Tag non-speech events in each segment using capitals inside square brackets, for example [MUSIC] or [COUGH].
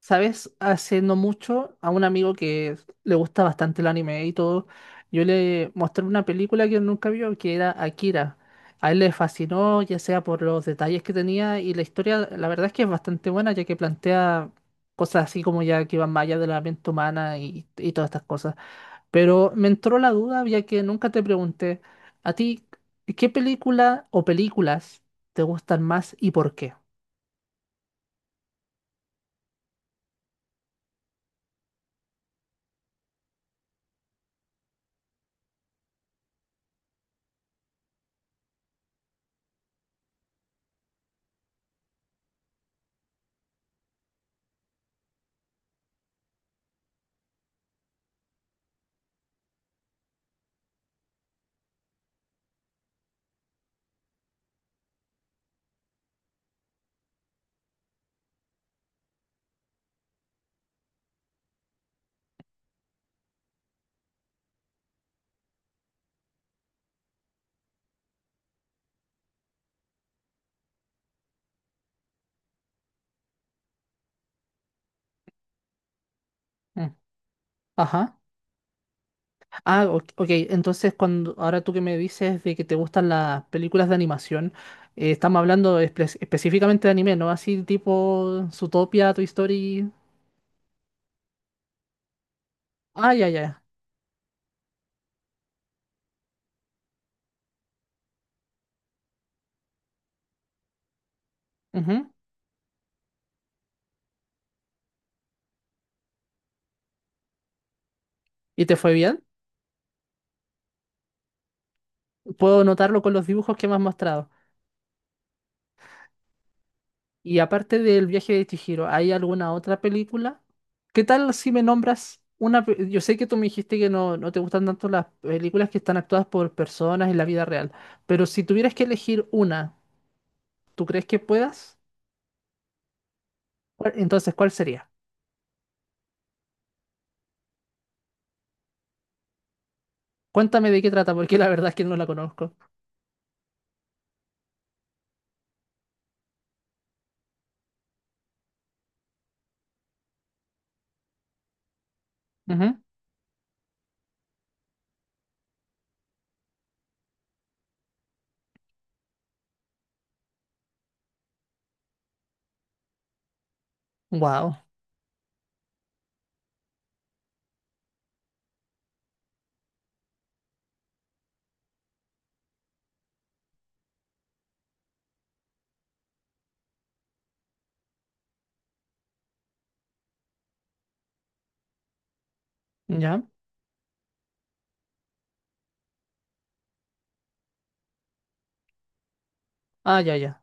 ¿Sabes? Hace no mucho a un amigo que le gusta bastante el anime y todo, yo le mostré una película que él nunca vio, que era Akira. A él le fascinó, ya sea por los detalles que tenía y la historia. La verdad es que es bastante buena, ya que plantea cosas así como, ya que van más allá de la mente humana y todas estas cosas. Pero me entró la duda, ya que nunca te pregunté a ti, ¿qué película o películas te gustan más y por qué? Mm. Ajá. Ah, ok. Entonces, cuando ahora tú que me dices de que te gustan las películas de animación, estamos hablando específicamente de anime, ¿no? Así tipo Zootopia, Toy Story. Ah, ya, ya. Ujú. ¿Y te fue bien? Puedo notarlo con los dibujos que me has mostrado. Y aparte del viaje de Chihiro, ¿hay alguna otra película? ¿Qué tal si me nombras una? Yo sé que tú me dijiste que no, no te gustan tanto las películas que están actuadas por personas en la vida real, pero si tuvieras que elegir una, ¿tú crees que puedas? Entonces, ¿cuál sería? Cuéntame de qué trata, porque la verdad es que no la conozco. Wow. ¿Ya? Ah, ya, ya.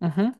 Ujú.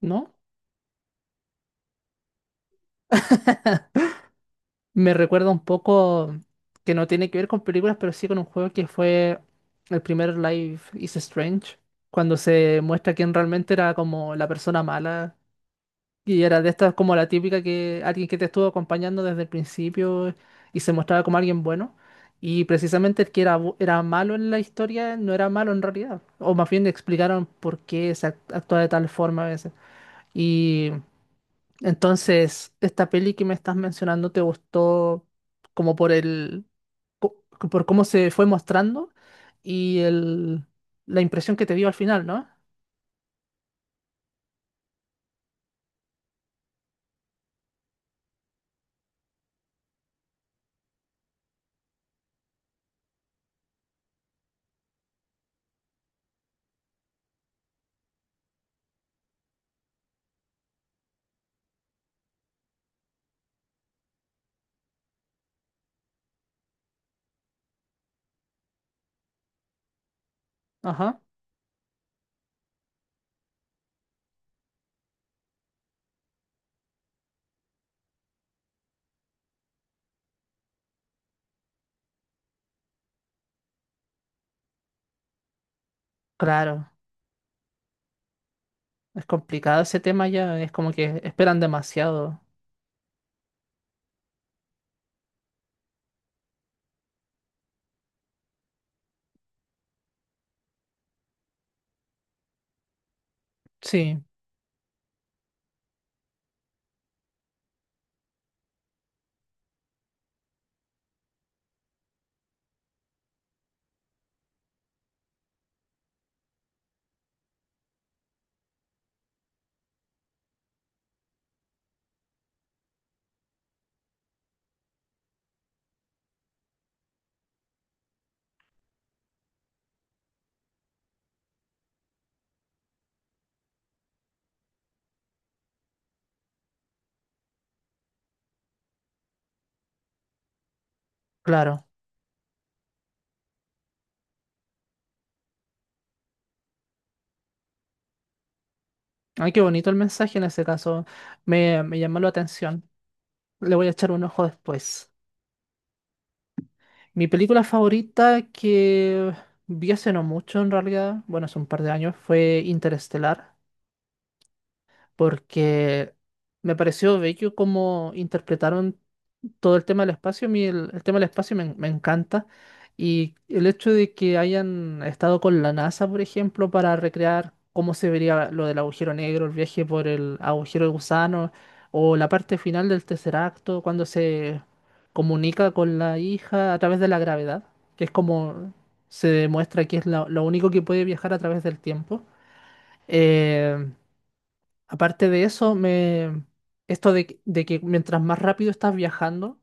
¿No? [LAUGHS] Me recuerda un poco, que no tiene que ver con películas, pero sí con un juego, que fue el primer Life is Strange, cuando se muestra quién realmente era como la persona mala. Y era de estas como la típica que alguien que te estuvo acompañando desde el principio y se mostraba como alguien bueno. Y precisamente el que era, era malo en la historia no era malo en realidad. O más bien le explicaron por qué se actúa de tal forma a veces. Y entonces, esta peli que me estás mencionando te gustó como por co- por cómo se fue mostrando y la impresión que te dio al final, ¿no? Ajá, claro. Es complicado ese tema ya, es como que esperan demasiado. Sí, claro. Ay, qué bonito el mensaje en ese caso. Me llamó la atención. Le voy a echar un ojo después. Mi película favorita, que vi hace no mucho en realidad, bueno, hace un par de años, fue Interestelar. Porque me pareció bello cómo interpretaron todo el tema del espacio. A mí el tema del espacio me, me encanta. Y el hecho de que hayan estado con la NASA, por ejemplo, para recrear cómo se vería lo del agujero negro, el viaje por el agujero de gusano, o la parte final del tercer acto, cuando se comunica con la hija a través de la gravedad, que es como se demuestra que es lo único que puede viajar a través del tiempo. Eh, Aparte de eso, me esto de que mientras más rápido estás viajando,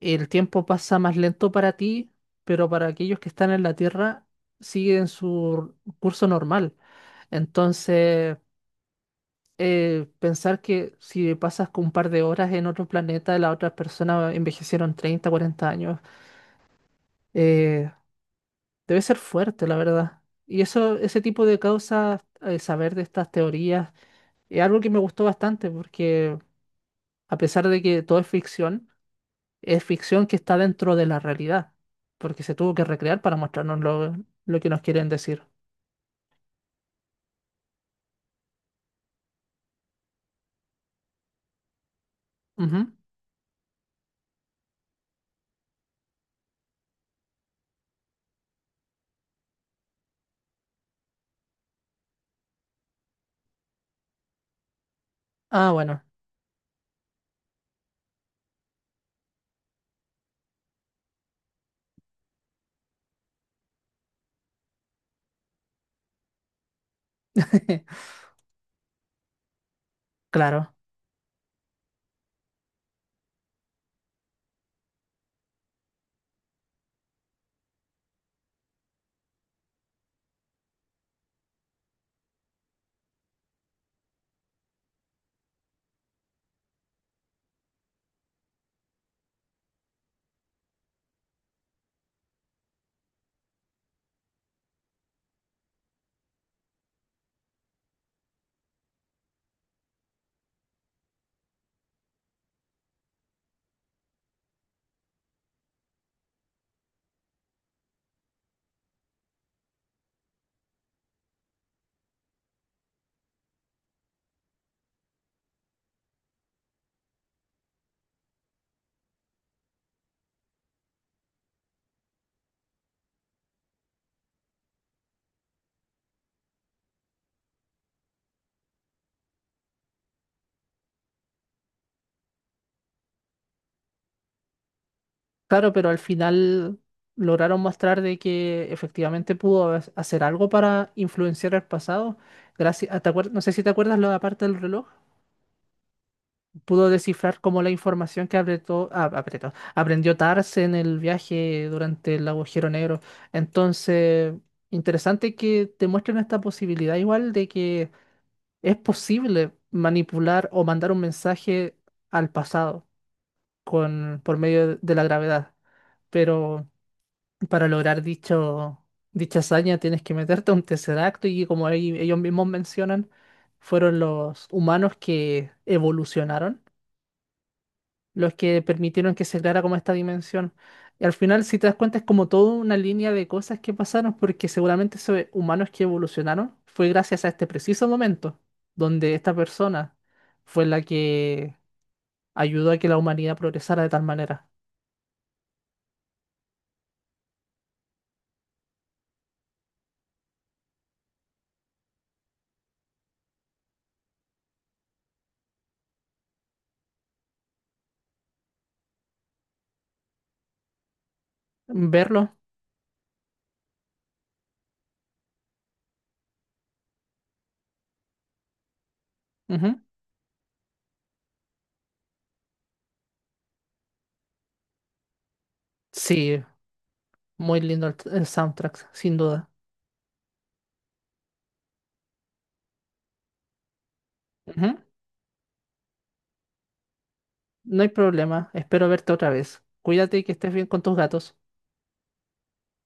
el tiempo pasa más lento para ti, pero para aquellos que están en la Tierra siguen su curso normal. Entonces, pensar que si pasas con un par de horas en otro planeta, las otras personas envejecieron 30, 40 años, eh, debe ser fuerte, la verdad. Y eso, ese tipo de causas, saber de estas teorías, es algo que me gustó bastante, porque a pesar de que todo es ficción que está dentro de la realidad, porque se tuvo que recrear para mostrarnos lo que nos quieren decir. Ujú. Ah, bueno, [LAUGHS] claro, claro, pero al final lograron mostrar de que efectivamente pudo hacer algo para influenciar el pasado. Gracias, no sé si te acuerdas la parte del reloj. Pudo descifrar como la información que aprendió Tars en el viaje durante el agujero negro. Entonces, interesante que te muestren esta posibilidad igual de que es posible manipular o mandar un mensaje al pasado con, por medio de la gravedad. Pero para lograr dicha hazaña tienes que meterte a un tesseracto y como ahí ellos mismos mencionan, fueron los humanos que evolucionaron los que permitieron que se creara como esta dimensión. Y al final, si te das cuenta, es como toda una línea de cosas que pasaron, porque seguramente esos humanos que evolucionaron fue gracias a este preciso momento, donde esta persona fue la que ayudó a que la humanidad progresara de tal manera. Verlo, ujú. Sí, muy lindo el soundtrack, sin duda. Ujú. No hay problema, espero verte otra vez. Cuídate y que estés bien con tus gatos.